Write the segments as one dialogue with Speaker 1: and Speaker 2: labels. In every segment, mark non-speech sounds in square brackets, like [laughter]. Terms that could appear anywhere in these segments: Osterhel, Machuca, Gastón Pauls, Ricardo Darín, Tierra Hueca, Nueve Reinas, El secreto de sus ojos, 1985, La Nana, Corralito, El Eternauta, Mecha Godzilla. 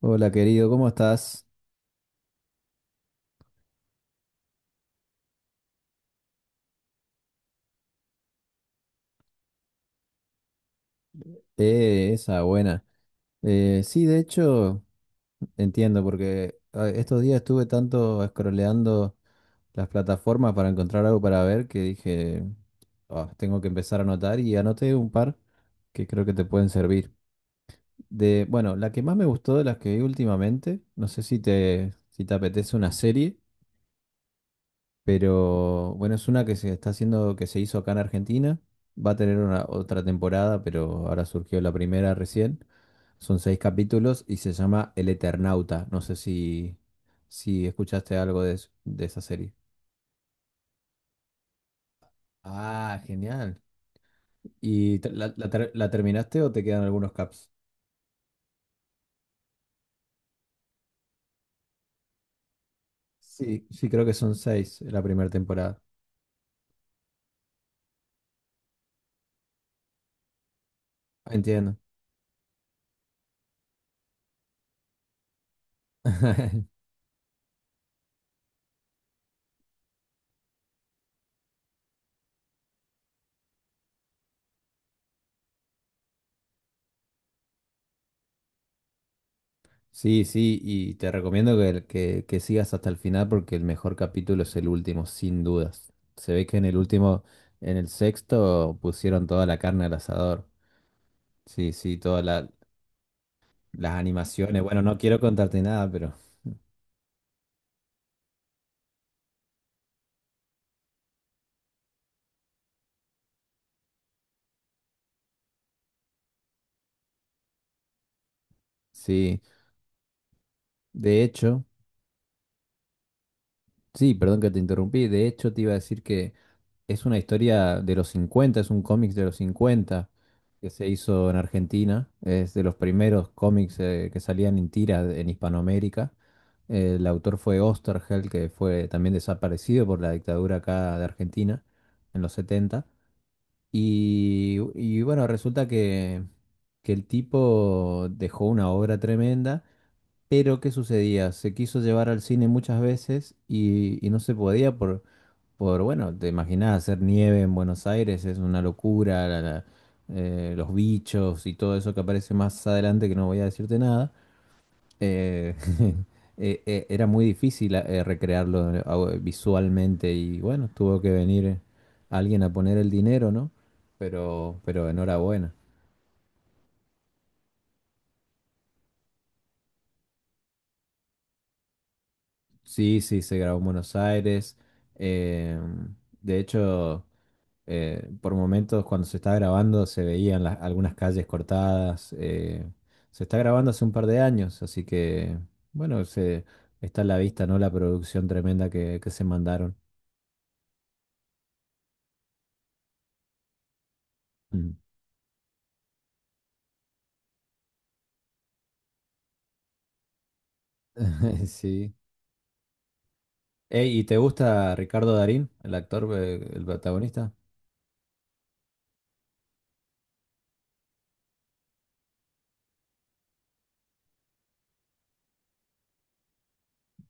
Speaker 1: Hola querido, ¿cómo estás? Esa buena. Sí, de hecho, entiendo, porque estos días estuve tanto scrolleando las plataformas para encontrar algo para ver que dije, "Ah, tengo que empezar a anotar y anoté un par que creo que te pueden servir. De, bueno, la que más me gustó de las que vi últimamente, no sé si te, si te apetece una serie. Pero bueno, es una que se está haciendo, que se hizo acá en Argentina. Va a tener una, otra temporada, pero ahora surgió la primera recién. Son seis capítulos y se llama El Eternauta. No sé si, si escuchaste algo de, de esa serie. Ah, genial. ¿Y la terminaste o te quedan algunos caps? Sí, sí, creo que son seis la primera temporada. Entiendo. [laughs] Sí, sí, y te recomiendo que, que sigas hasta el final porque el mejor capítulo es el último, sin dudas. Se ve que en el último, en el sexto, pusieron toda la carne al asador. Sí, sí, las animaciones. Bueno, no quiero contarte nada, pero sí. De hecho, sí, perdón que te interrumpí. De hecho, te iba a decir que es una historia de los cincuenta, es un cómic de los 50 que se hizo en Argentina. Es de los primeros cómics que salían en tira en Hispanoamérica. El autor fue Osterhel, que fue también desaparecido por la dictadura acá de Argentina en los setenta. Y bueno, resulta que el tipo dejó una obra tremenda pero, ¿qué sucedía? Se quiso llevar al cine muchas veces y no se podía por, bueno, te imaginás, hacer nieve en Buenos Aires es una locura, los bichos y todo eso que aparece más adelante que no voy a decirte nada. eh, [laughs] era muy difícil recrearlo visualmente y bueno, tuvo que venir alguien a poner el dinero, ¿no? Pero enhorabuena. Sí, sí, se grabó en Buenos Aires. em, de hecho, por momentos cuando se está grabando se veían algunas calles cortadas. Se está grabando hace un par de años, así que bueno, se, está a la vista, ¿no? La producción tremenda que se mandaron. Mm. [laughs] Sí. Ey, ¿y te gusta Ricardo Darín, el actor, el protagonista?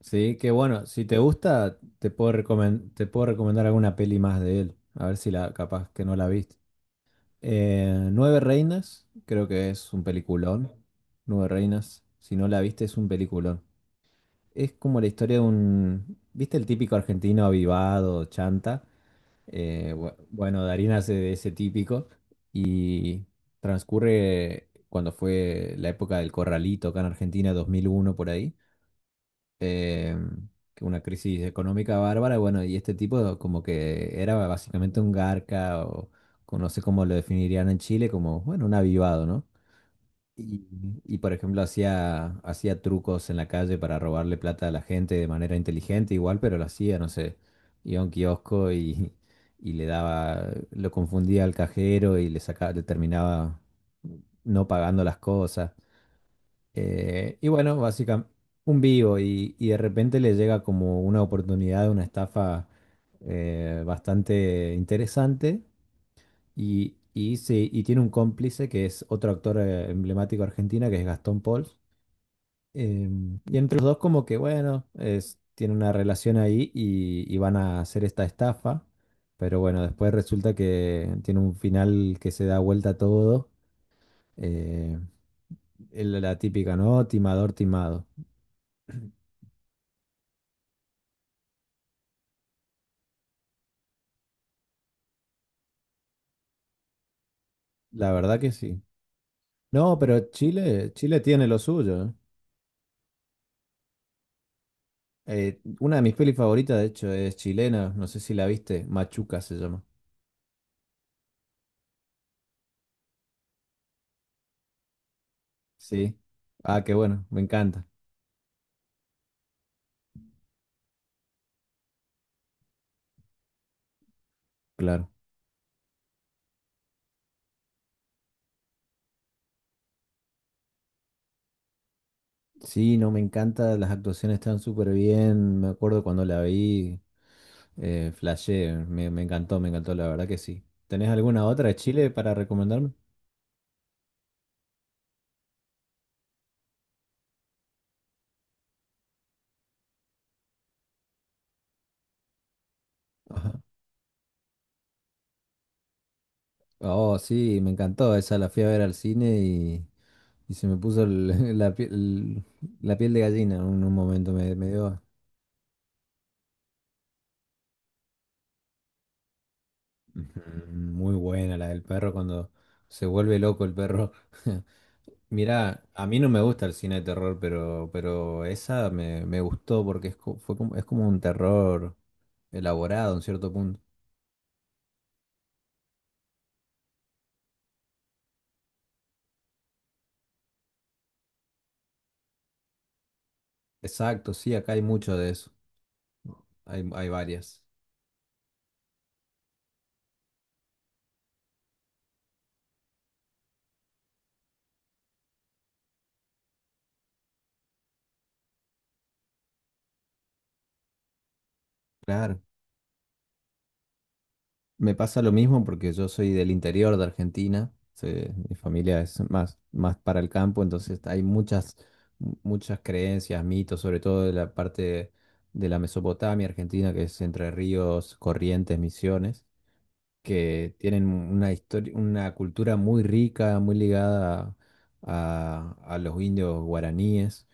Speaker 1: Sí, que bueno, si te gusta, te puedo recomendar alguna peli más de él. A ver si la, capaz que no la viste. Nueve Reinas, creo que es un peliculón. Nueve Reinas, si no la viste, es un peliculón. Es como la historia de un, ¿viste el típico argentino avivado, chanta? Bueno, Darín hace de ese típico y transcurre cuando fue la época del Corralito, acá en Argentina, 2001 por ahí. eh, que una crisis económica bárbara, bueno, y este tipo como que era básicamente un garca o no sé cómo lo definirían en Chile, como, bueno, un avivado, ¿no? Y, y, por ejemplo hacía, hacía trucos en la calle para robarle plata a la gente de manera inteligente igual, pero lo hacía, no sé, iba a un kiosco y le daba, lo confundía al cajero y le sacaba, le terminaba no pagando las cosas. Y bueno, básicamente un vivo y de repente le llega como una oportunidad, una estafa bastante interesante y, sí, y tiene un cómplice que es otro actor emblemático argentina que es Gastón Pauls. Y entre los dos como que bueno, es, tienen una relación ahí y van a hacer esta estafa, pero bueno, después resulta que tiene un final que se da vuelta todo, eh, la típica, ¿no? Timador, timado. La verdad que sí. No, pero Chile, Chile tiene lo suyo. ¿Eh? Una de mis pelis favoritas, de hecho, es chilena. No sé si la viste. Machuca se llama. Sí. Ah, qué bueno. Me encanta. Claro. Sí, no, me encanta. Las actuaciones están súper bien. Me acuerdo cuando la vi. Flashé. Me, me encantó. La verdad que sí. ¿Tenés alguna otra de Chile para recomendarme? Ajá. Oh, sí, me encantó. Esa la fui a ver al cine y se me puso [laughs] la piel de gallina en un momento, me dio mm, muy buena la del perro cuando se vuelve loco el perro. [laughs] Mirá, a mí no me gusta el cine de terror, pero esa me gustó porque es, fue como, es como un terror elaborado en cierto punto. Exacto, sí, acá hay mucho de eso, hay varias. Claro. Me pasa lo mismo porque yo soy del interior de Argentina, mi familia es más, más para el campo, entonces hay muchas, muchas creencias, mitos, sobre todo de la parte de la Mesopotamia argentina, que es Entre Ríos, Corrientes, Misiones, que tienen una historia, una cultura muy rica, muy ligada a los indios guaraníes.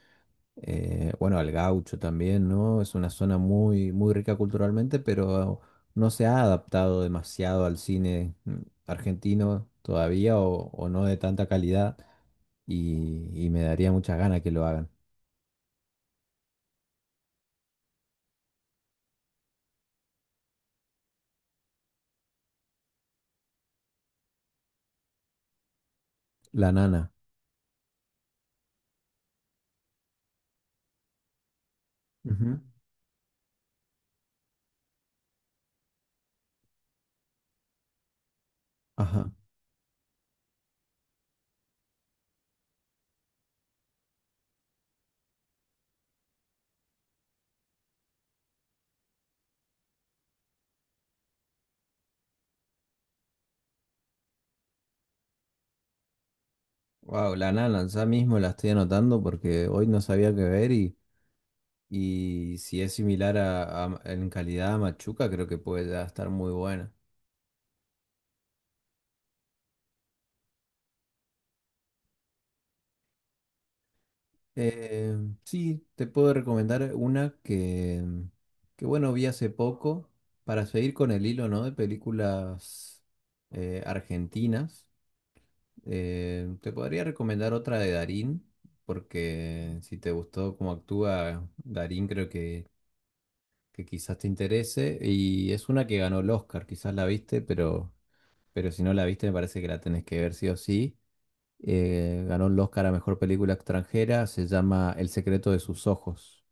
Speaker 1: Bueno, al gaucho también, ¿no? Es una zona muy, muy rica culturalmente, pero no se ha adaptado demasiado al cine argentino todavía o no de tanta calidad y me daría muchas ganas que lo hagan. La Nana. Ujú. Ajá. Wow, La Nana, ya mismo la estoy anotando porque hoy no sabía qué ver y si es similar a, en calidad a Machuca, creo que puede ya estar muy buena. Eh, sí, te puedo recomendar una que, que, bueno, vi hace poco para seguir con el hilo, ¿no? De películas argentinas. Te podría recomendar otra de Darín, porque si te gustó cómo actúa Darín, creo que quizás te interese. Y es una que ganó el Oscar, quizás la viste, pero si no la viste, me parece que la tenés que ver sí o sí. Ganó el Oscar a Mejor Película Extranjera, se llama El secreto de sus ojos.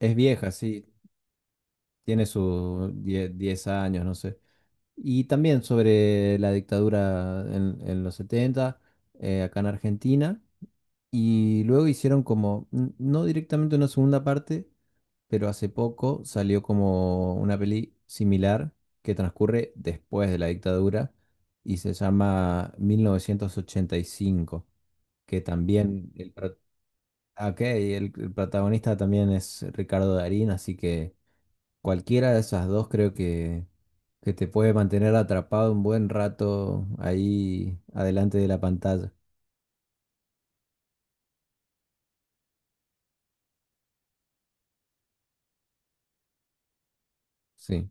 Speaker 1: Es vieja, sí, tiene sus 10 años, no sé. Y también sobre la dictadura en los setenta. Acá en Argentina. Y luego hicieron como, no directamente una segunda parte, pero hace poco salió como una peli similar que transcurre después de la dictadura y se llama 1985, que también el protagonista también es Ricardo Darín, así que... Cualquiera de esas dos creo que te puede mantener atrapado un buen rato ahí adelante de la pantalla. Sí,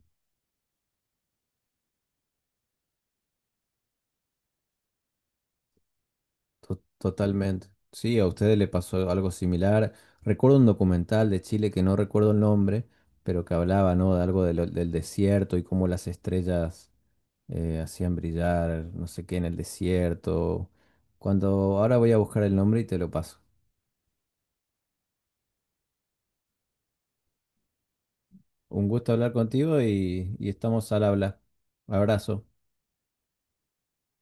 Speaker 1: totalmente. Sí, a ustedes le pasó algo similar. Recuerdo un documental de Chile que no recuerdo el nombre, pero que hablaba, ¿no? De algo de del desierto y cómo las estrellas hacían brillar, no sé qué, en el desierto. Cuando ahora voy a buscar el nombre y te lo paso. Un gusto hablar contigo y estamos al habla. Abrazo.